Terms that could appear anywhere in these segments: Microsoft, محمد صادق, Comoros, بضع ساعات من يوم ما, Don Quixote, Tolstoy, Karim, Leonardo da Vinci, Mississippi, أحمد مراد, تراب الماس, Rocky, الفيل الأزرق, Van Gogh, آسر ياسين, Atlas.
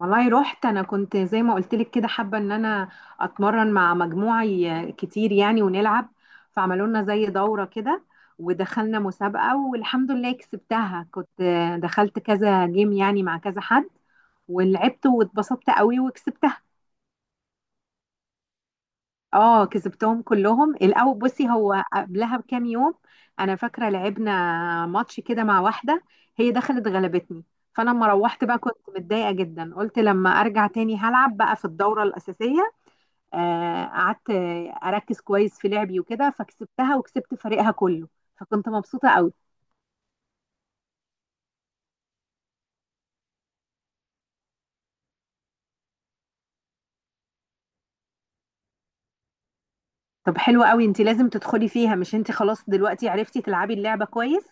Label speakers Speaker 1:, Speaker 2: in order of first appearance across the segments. Speaker 1: والله رحت، انا كنت زي ما قلت لك كده حابه ان انا اتمرن مع مجموعه كتير يعني، ونلعب. فعملوا لنا زي دوره كده ودخلنا مسابقه والحمد لله كسبتها. كنت دخلت كذا جيم يعني مع كذا حد، ولعبت واتبسطت قوي وكسبتها. اه، كسبتهم كلهم الاول. بصي، هو قبلها بكام يوم انا فاكره لعبنا ماتش كده مع واحده، هي دخلت غلبتني. فانا لما روحت بقى كنت متضايقه جدا، قلت لما ارجع تاني هلعب بقى في الدوره الاساسيه. قعدت اركز كويس في لعبي وكده، فكسبتها وكسبت فريقها كله، فكنت مبسوطه قوي. طب حلو قوي، انت لازم تدخلي فيها. مش انت خلاص دلوقتي عرفتي تلعبي اللعبه كويس؟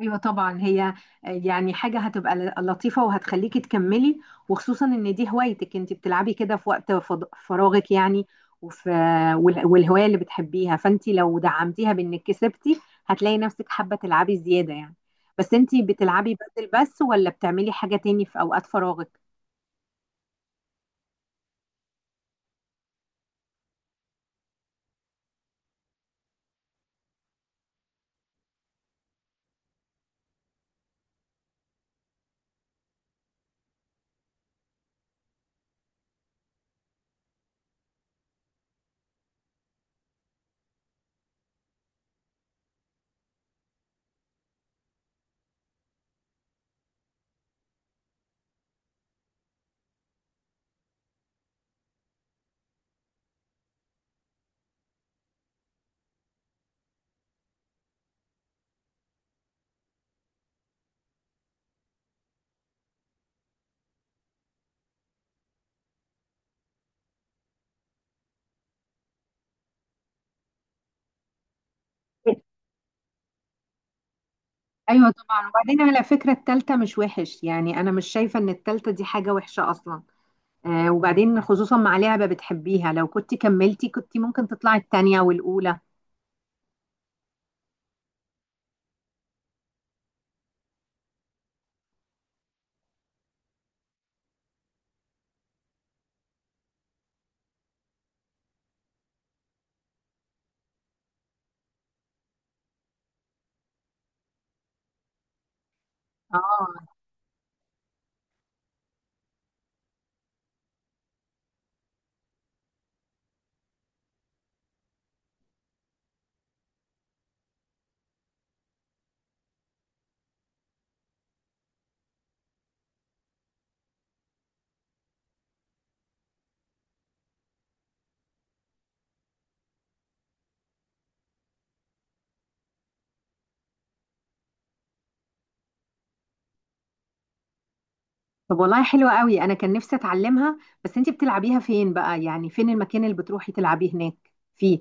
Speaker 1: ايوه طبعا، هي يعني حاجه هتبقى لطيفه وهتخليكي تكملي، وخصوصا ان دي هوايتك. انت بتلعبي كده في وقت فراغك يعني، وفي والهوايه اللي بتحبيها. فانت لو دعمتيها بانك كسبتي هتلاقي نفسك حابه تلعبي زياده يعني. بس انت بتلعبي بدل بس، ولا بتعملي حاجه تاني في اوقات فراغك؟ ايوه طبعا. وبعدين على فكره التالتة مش وحش يعني، انا مش شايفه ان التالتة دي حاجه وحشه اصلا. وبعدين خصوصا مع لعبة بتحبيها، لو كنت كملتي كنت ممكن تطلعي التانية والأولى. اه. طب والله حلوة قوي، أنا كان نفسي أتعلمها. بس أنت بتلعبيها فين بقى؟ يعني فين المكان اللي بتروحي تلعبيه هناك فيه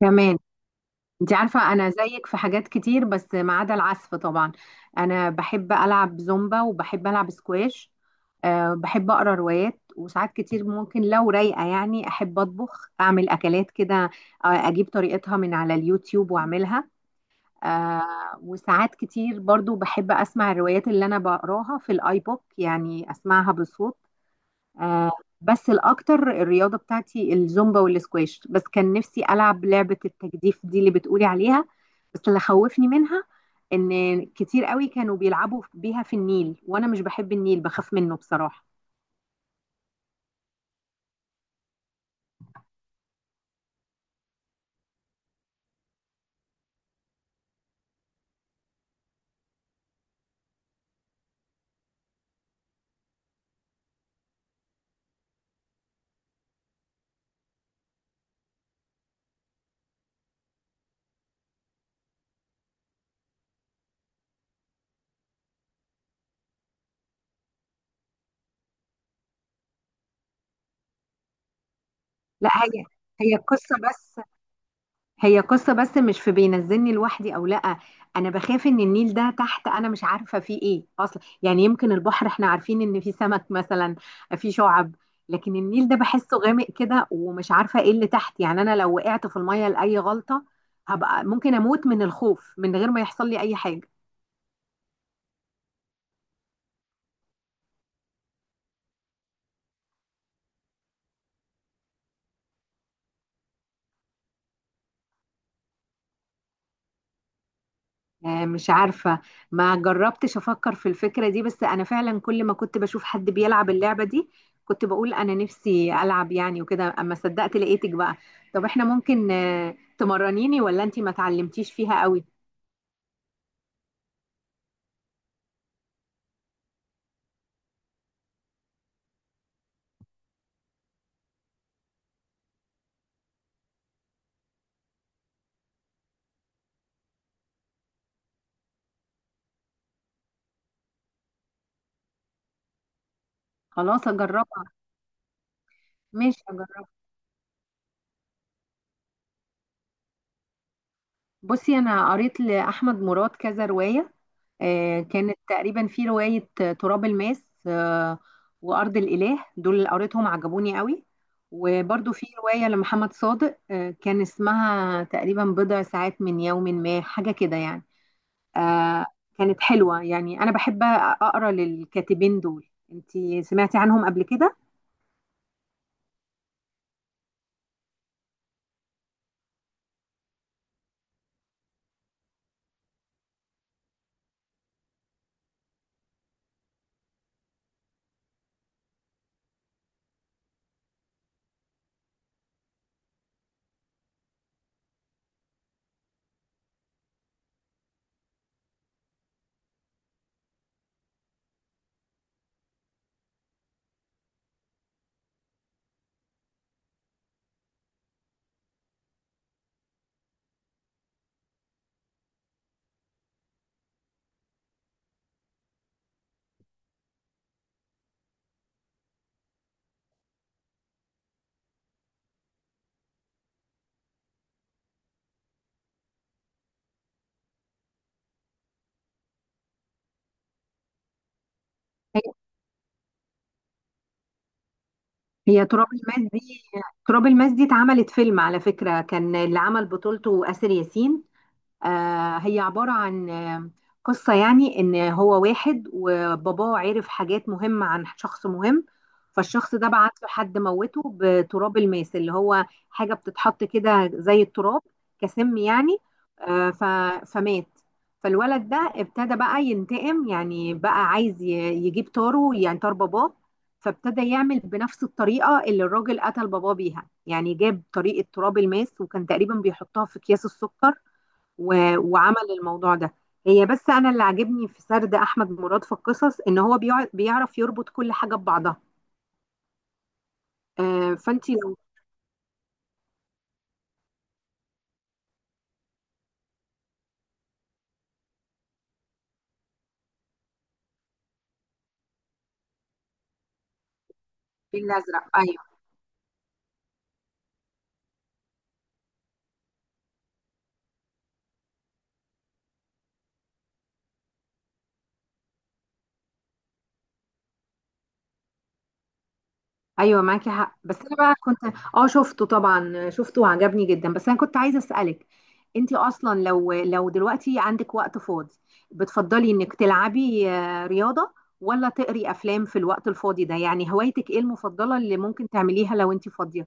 Speaker 1: كمان؟ أنت عارفة أنا زيك في حاجات كتير، بس ما عدا العزف طبعا. أنا بحب ألعب زومبا وبحب ألعب سكواش. أه، بحب أقرأ روايات، وساعات كتير ممكن لو رايقة يعني أحب أطبخ أعمل أكلات كده. أجيب طريقتها من على اليوتيوب وأعملها. آه، وساعات كتير برضو بحب أسمع الروايات اللي أنا بقراها في الآيبوك يعني أسمعها بصوت. آه. بس الأكتر، الرياضة بتاعتي الزومبا والسكواش. بس كان نفسي ألعب لعبة التجديف دي اللي بتقولي عليها، بس اللي خوفني منها إن كتير قوي كانوا بيلعبوا بيها في النيل، وأنا مش بحب النيل، بخاف منه بصراحة. لا، هي القصة بس. هي قصة بس، مش في بينزلني لوحدي او لا. انا بخاف ان النيل ده تحت انا مش عارفة فيه ايه اصلا. يعني يمكن البحر احنا عارفين ان فيه سمك مثلا، فيه شعب، لكن النيل ده بحسه غامق كده، ومش عارفة ايه اللي تحت. يعني انا لو وقعت في المية لأي غلطة هبقى ممكن اموت من الخوف من غير ما يحصل لي اي حاجة. مش عارفة، ما جربتش أفكر في الفكرة دي. بس أنا فعلا كل ما كنت بشوف حد بيلعب اللعبة دي كنت بقول أنا نفسي ألعب يعني، وكده أما صدقت لقيتك بقى. طب إحنا ممكن تمرنيني ولا أنتي ما تعلمتيش فيها قوي؟ خلاص أجربها. ماشي أجربها. بصي، أنا قريت لأحمد مراد كذا رواية. كانت تقريبا في رواية، تراب الماس، وأرض الإله، دول اللي قريتهم عجبوني قوي. وبرضو في رواية لمحمد صادق، كان اسمها تقريبا بضع ساعات من يوم، ما حاجة كده يعني. آه، كانت حلوة يعني. أنا بحب أقرأ للكاتبين دول، انتي سمعتي عنهم قبل كده؟ هي تراب الماس دي تراب الماس دي اتعملت فيلم على فكرة، كان اللي عمل بطولته آسر ياسين. هي عبارة عن قصة يعني، إن هو واحد وباباه عرف حاجات مهمة عن شخص مهم. فالشخص ده بعت له حد موته بتراب الماس، اللي هو حاجة بتتحط كده زي التراب، كسم يعني. فمات. فالولد ده ابتدى بقى ينتقم، يعني بقى عايز يجيب طاره يعني طار باباه. فابتدى يعمل بنفس الطريقة اللي الراجل قتل باباه بيها، يعني جاب طريقة تراب الماس وكان تقريبا بيحطها في أكياس السكر، وعمل الموضوع ده. هي بس انا اللي عاجبني في سرد احمد مراد في القصص ان هو بيعرف يربط كل حاجه ببعضها. آه، فانتي لو. الفيل الازرق، ايوه. ايوه معاكي حق، بس انا بقى كنت. اه، شفته طبعا شفته وعجبني جدا. بس انا كنت عايزه اسالك، انتي اصلا لو دلوقتي عندك وقت فاضي بتفضلي انك تلعبي رياضه ولا تقري افلام في الوقت الفاضي ده؟ يعني هوايتك ايه المفضله اللي ممكن تعمليها لو انتي فاضيه؟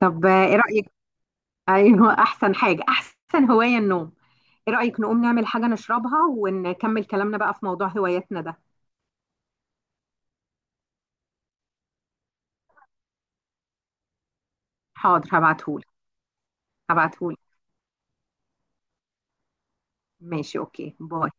Speaker 1: طب ايه رايك. ايوه احسن حاجه احسن هوايه النوم. ايه رايك نقوم نعمل حاجه نشربها ونكمل كلامنا بقى في موضوع هواياتنا ده؟ حاضر هبعتهولك. هبعتهولك. ماشي، اوكي، باي.